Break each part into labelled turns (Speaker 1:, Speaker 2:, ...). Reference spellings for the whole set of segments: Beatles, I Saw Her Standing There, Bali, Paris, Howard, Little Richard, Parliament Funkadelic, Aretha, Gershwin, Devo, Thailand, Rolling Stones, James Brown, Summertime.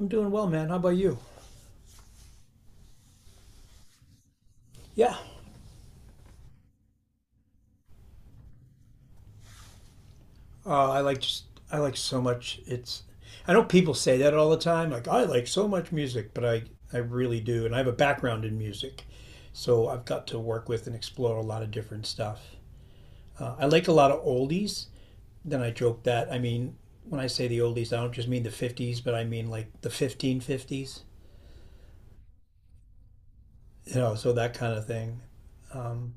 Speaker 1: I'm doing well, man. How about you? Yeah. I like so much. It's I know people say that all the time. Like I like so much music, but I really do, and I have a background in music, so I've got to work with and explore a lot of different stuff. I like a lot of oldies. Then I joke that when I say the oldies, I don't just mean the '50s, but I mean like the 1550s. You know, so that kind of thing. Um,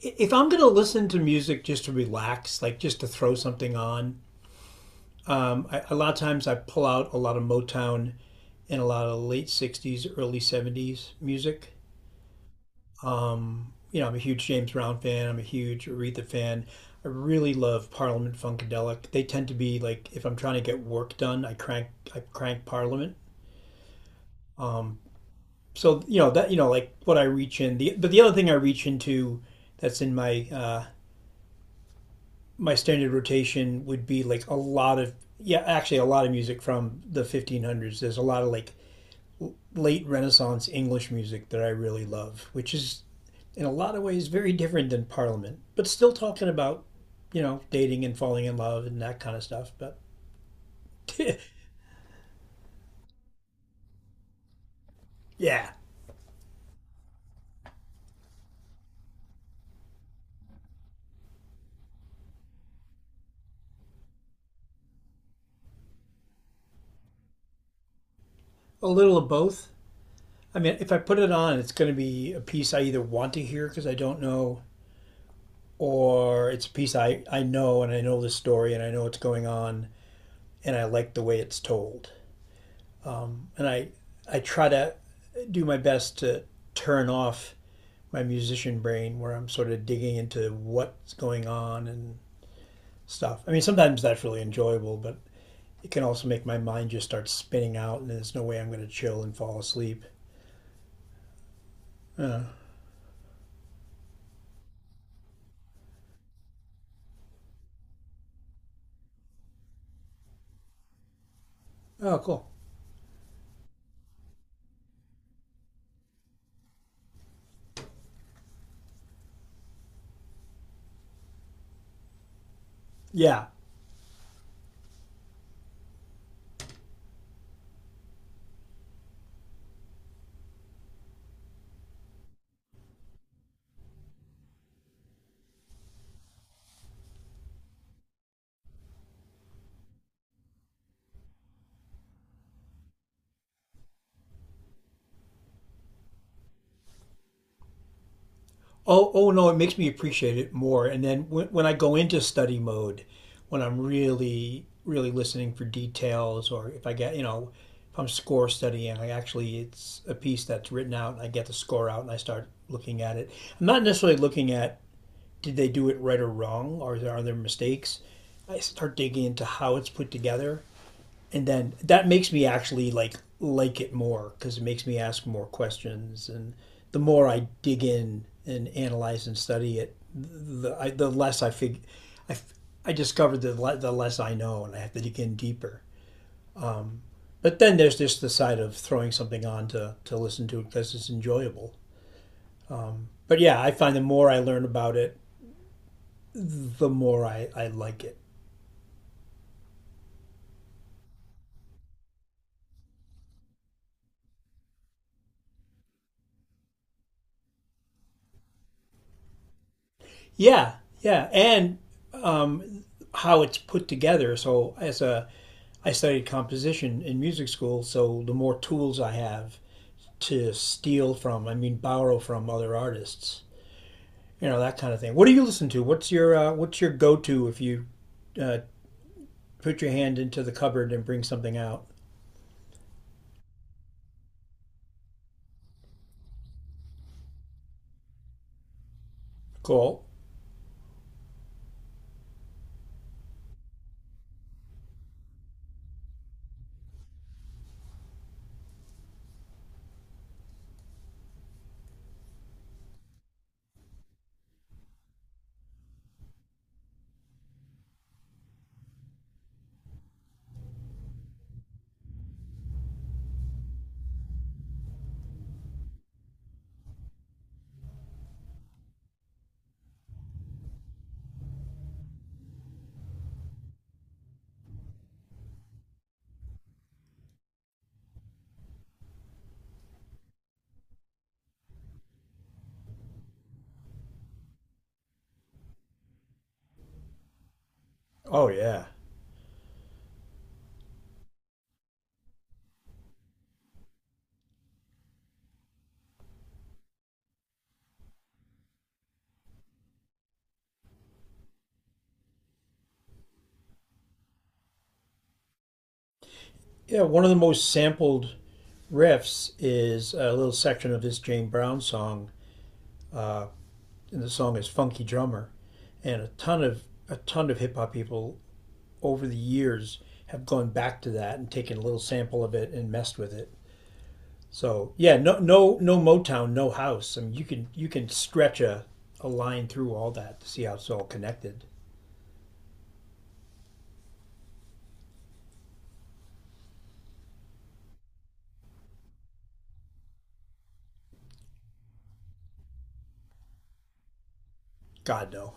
Speaker 1: if I'm gonna listen to music just to relax, like just to throw something on, a lot of times I pull out a lot of Motown and a lot of late 60s, early 70s music. You know, I'm a huge James Brown fan. I'm a huge Aretha fan. I really love Parliament Funkadelic. They tend to be like if I'm trying to get work done, I crank Parliament. Um, so you know that you know like what I reach in the but the other thing I reach into that's in my my standard rotation would be like a lot of yeah actually a lot of music from the 1500s. There's a lot of like late Renaissance English music that I really love, which is in a lot of ways very different than Parliament, but still talking about, you know, dating and falling in love and that kind of stuff. But yeah, a little of both. I mean, if I put it on, it's going to be a piece I either want to hear because I don't know, or it's a piece I know and I know the story and I know what's going on and I like the way it's told. And I, I try to do my best to turn off my musician brain where I'm sort of digging into what's going on and stuff. I mean, sometimes that's really enjoyable, but it can also make my mind just start spinning out and there's no way I'm going to chill and fall asleep. Oh, cool. Yeah. Oh, no, it makes me appreciate it more. And then when I go into study mode, when I'm really, really listening for details, or if I get, you know, if I'm score studying, I actually, it's a piece that's written out and I get the score out and I start looking at it. I'm not necessarily looking at did they do it right or wrong, or are there mistakes? I start digging into how it's put together, and then that makes me actually like it more because it makes me ask more questions, and the more I dig in and analyze and study it, the less I fig, I discovered the less I know, and I have to dig in deeper. But then there's just the side of throwing something on to listen to it because it's enjoyable. But yeah, I find the more I learn about it, the more I like it. Yeah, yeah, and um, how it's put together. I studied composition in music school, so the more tools I have to steal from, I mean borrow from other artists, you know that kind of thing. What do you listen to? What's your go to if you uh, put your hand into the cupboard and bring something out? Cool. Oh yeah, yeah. One of the most sampled riffs is a little section of this Jane Brown song and the song is Funky Drummer. And a ton of hip hop people over the years have gone back to that and taken a little sample of it and messed with it. So yeah, no Motown, no house. I mean you can stretch a line through all that to see how it's all connected. God no.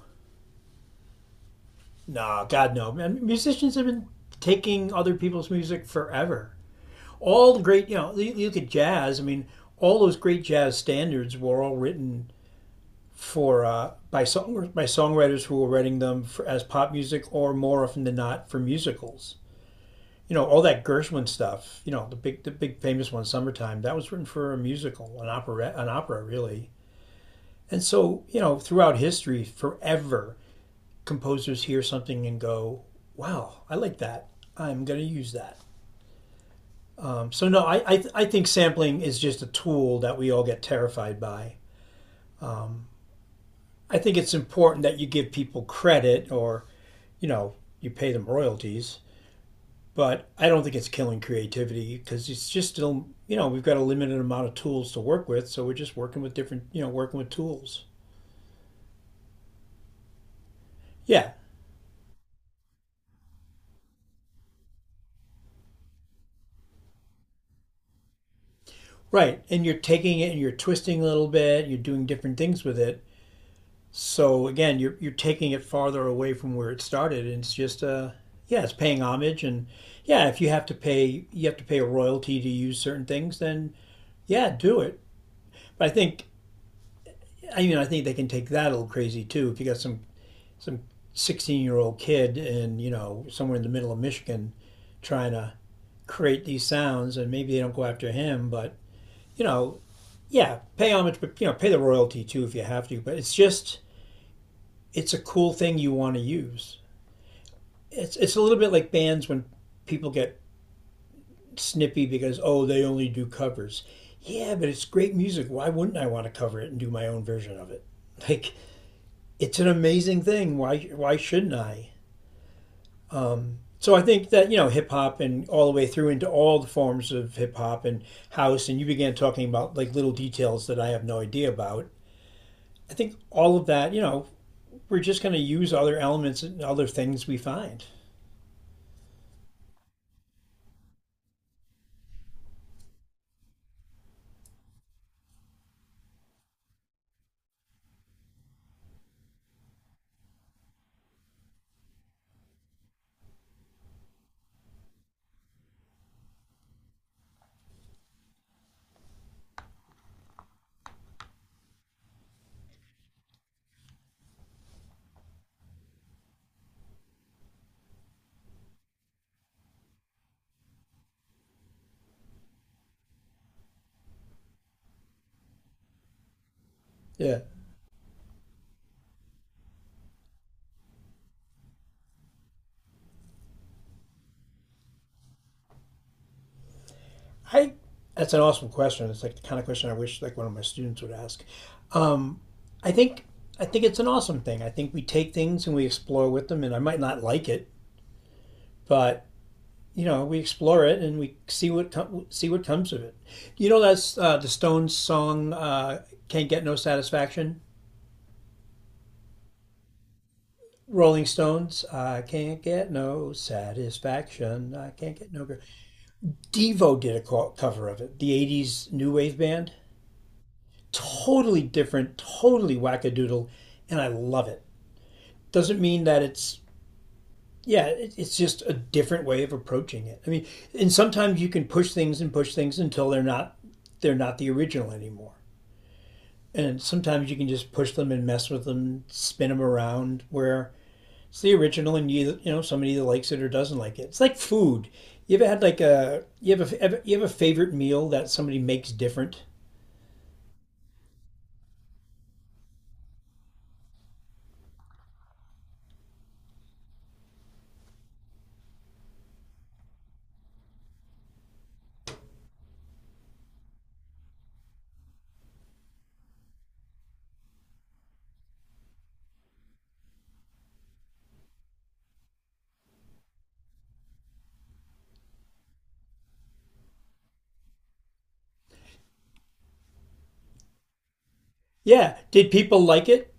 Speaker 1: Nah, God no. Man musicians have been taking other people's music forever. All the great you know, you look at jazz, I mean, all those great jazz standards were all written for by songwriters who were writing them for, as pop music or more often than not for musicals. You know all that Gershwin stuff. You know the big famous one, "Summertime." That was written for a musical, an opera really. And so you know throughout history, forever composers hear something and go, "Wow, I like that. I'm going to use that." No, I think sampling is just a tool that we all get terrified by. I think it's important that you give people credit or, you know, you pay them royalties, but I don't think it's killing creativity because it's just still, you know, we've got a limited amount of tools to work with, so we're just working with different, you know, working with tools. Yeah, right. And you're taking it and you're twisting a little bit, you're doing different things with it. So again, you're taking it farther away from where it started and it's just yeah, it's paying homage and yeah, if you have to pay you have to pay a royalty to use certain things, then yeah, do it. But I think I mean I think they can take that a little crazy too. If you got some 16-year old kid and you know somewhere in the middle of Michigan trying to create these sounds, and maybe they don't go after him, but you know yeah, pay homage, but you know pay the royalty too if you have to. But it's just it's a cool thing you want to use. It's a little bit like bands when people get snippy because oh they only do covers. Yeah, but it's great music. Why wouldn't I want to cover it and do my own version of it? Like it's an amazing thing. Why shouldn't I? So I think that you know hip hop and all the way through into all the forms of hip hop and house and you began talking about like little details that I have no idea about. I think all of that, you know, we're just going to use other elements and other things we find. Yeah. I that's an awesome question. It's like the kind of question I wish like one of my students would ask. Um, I think I think it's an awesome thing. I think we take things and we explore with them and I might not like it, but you know we explore it and we see what comes of it. You know that's the Stones song "Can't Get No Satisfaction." Rolling Stones, I can't get no satisfaction. I can't get no. gr-" Devo did a cover of it, the '80s new wave band. Totally different, totally wackadoodle, and I love it. Doesn't mean that it's yeah, it's just a different way of approaching it. I mean, and sometimes you can push things and push things until they're not the original anymore. And sometimes you can just push them and mess with them, spin them around. Where it's the original, and you know somebody either likes it or doesn't like it. It's like food. You ever had like a you have a favorite meal that somebody makes different? Yeah. Did people like it?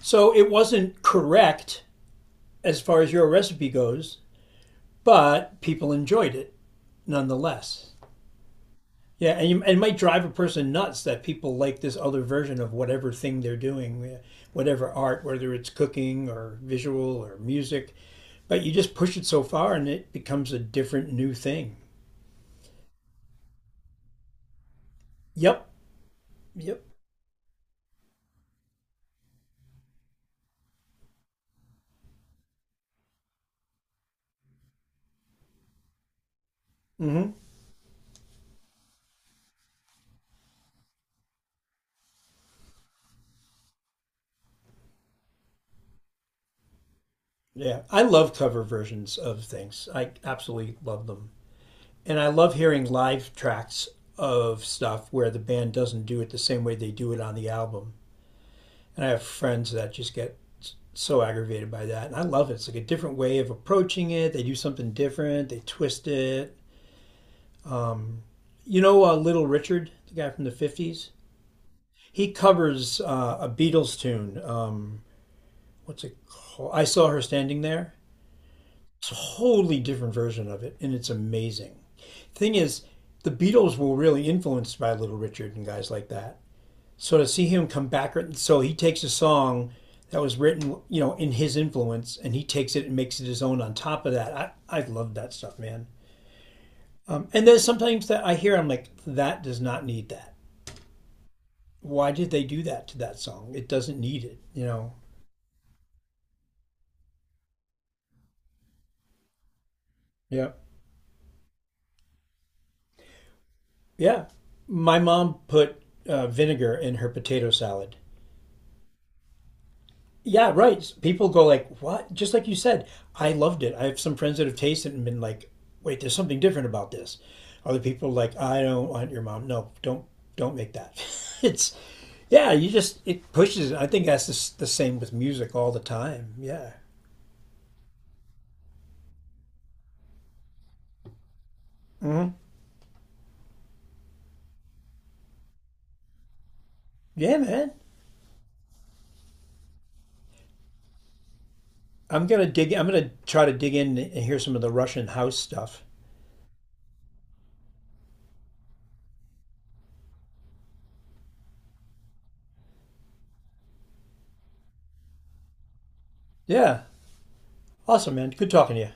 Speaker 1: So it wasn't correct as far as your recipe goes, but people enjoyed it nonetheless. Yeah, and you, it might drive a person nuts that people like this other version of whatever thing they're doing, yeah, whatever art, whether it's cooking or visual or music. But you just push it so far and it becomes a different new thing. Yep, yep. Mm-hmm. Yeah, I love cover versions of things. I absolutely love them. And I love hearing live tracks of stuff where the band doesn't do it the same way they do it on the album. And I have friends that just get so aggravated by that. And I love it. It's like a different way of approaching it. They do something different, they twist it. You know, Little Richard, the guy from the 50s? He covers a Beatles tune. What's it called? I Saw Her Standing There. Totally different version of it. And it's amazing. Thing is, the Beatles were really influenced by Little Richard and guys like that. So to see him come back, so he takes a song that was written, you know, in his influence, and he takes it and makes it his own. On top of that, I love that stuff, man. And there's sometimes that I hear, I'm like, that does not need that. Why did they do that to that song? It doesn't need it, you know. Yeah, yeah. My mom put vinegar in her potato salad. Yeah, right. People go like, "What?" Just like you said, I loved it. I have some friends that have tasted it and been like, "Wait, there's something different about this." Other people like, "I don't want your mom. No, don't make that." it's yeah, you just it pushes it. I think that's the same with music all the time. Yeah. Hmm. Yeah, man. I'm gonna dig. I'm gonna try to dig in and hear some of the Russian house stuff. Yeah, awesome, man. Good talking to you.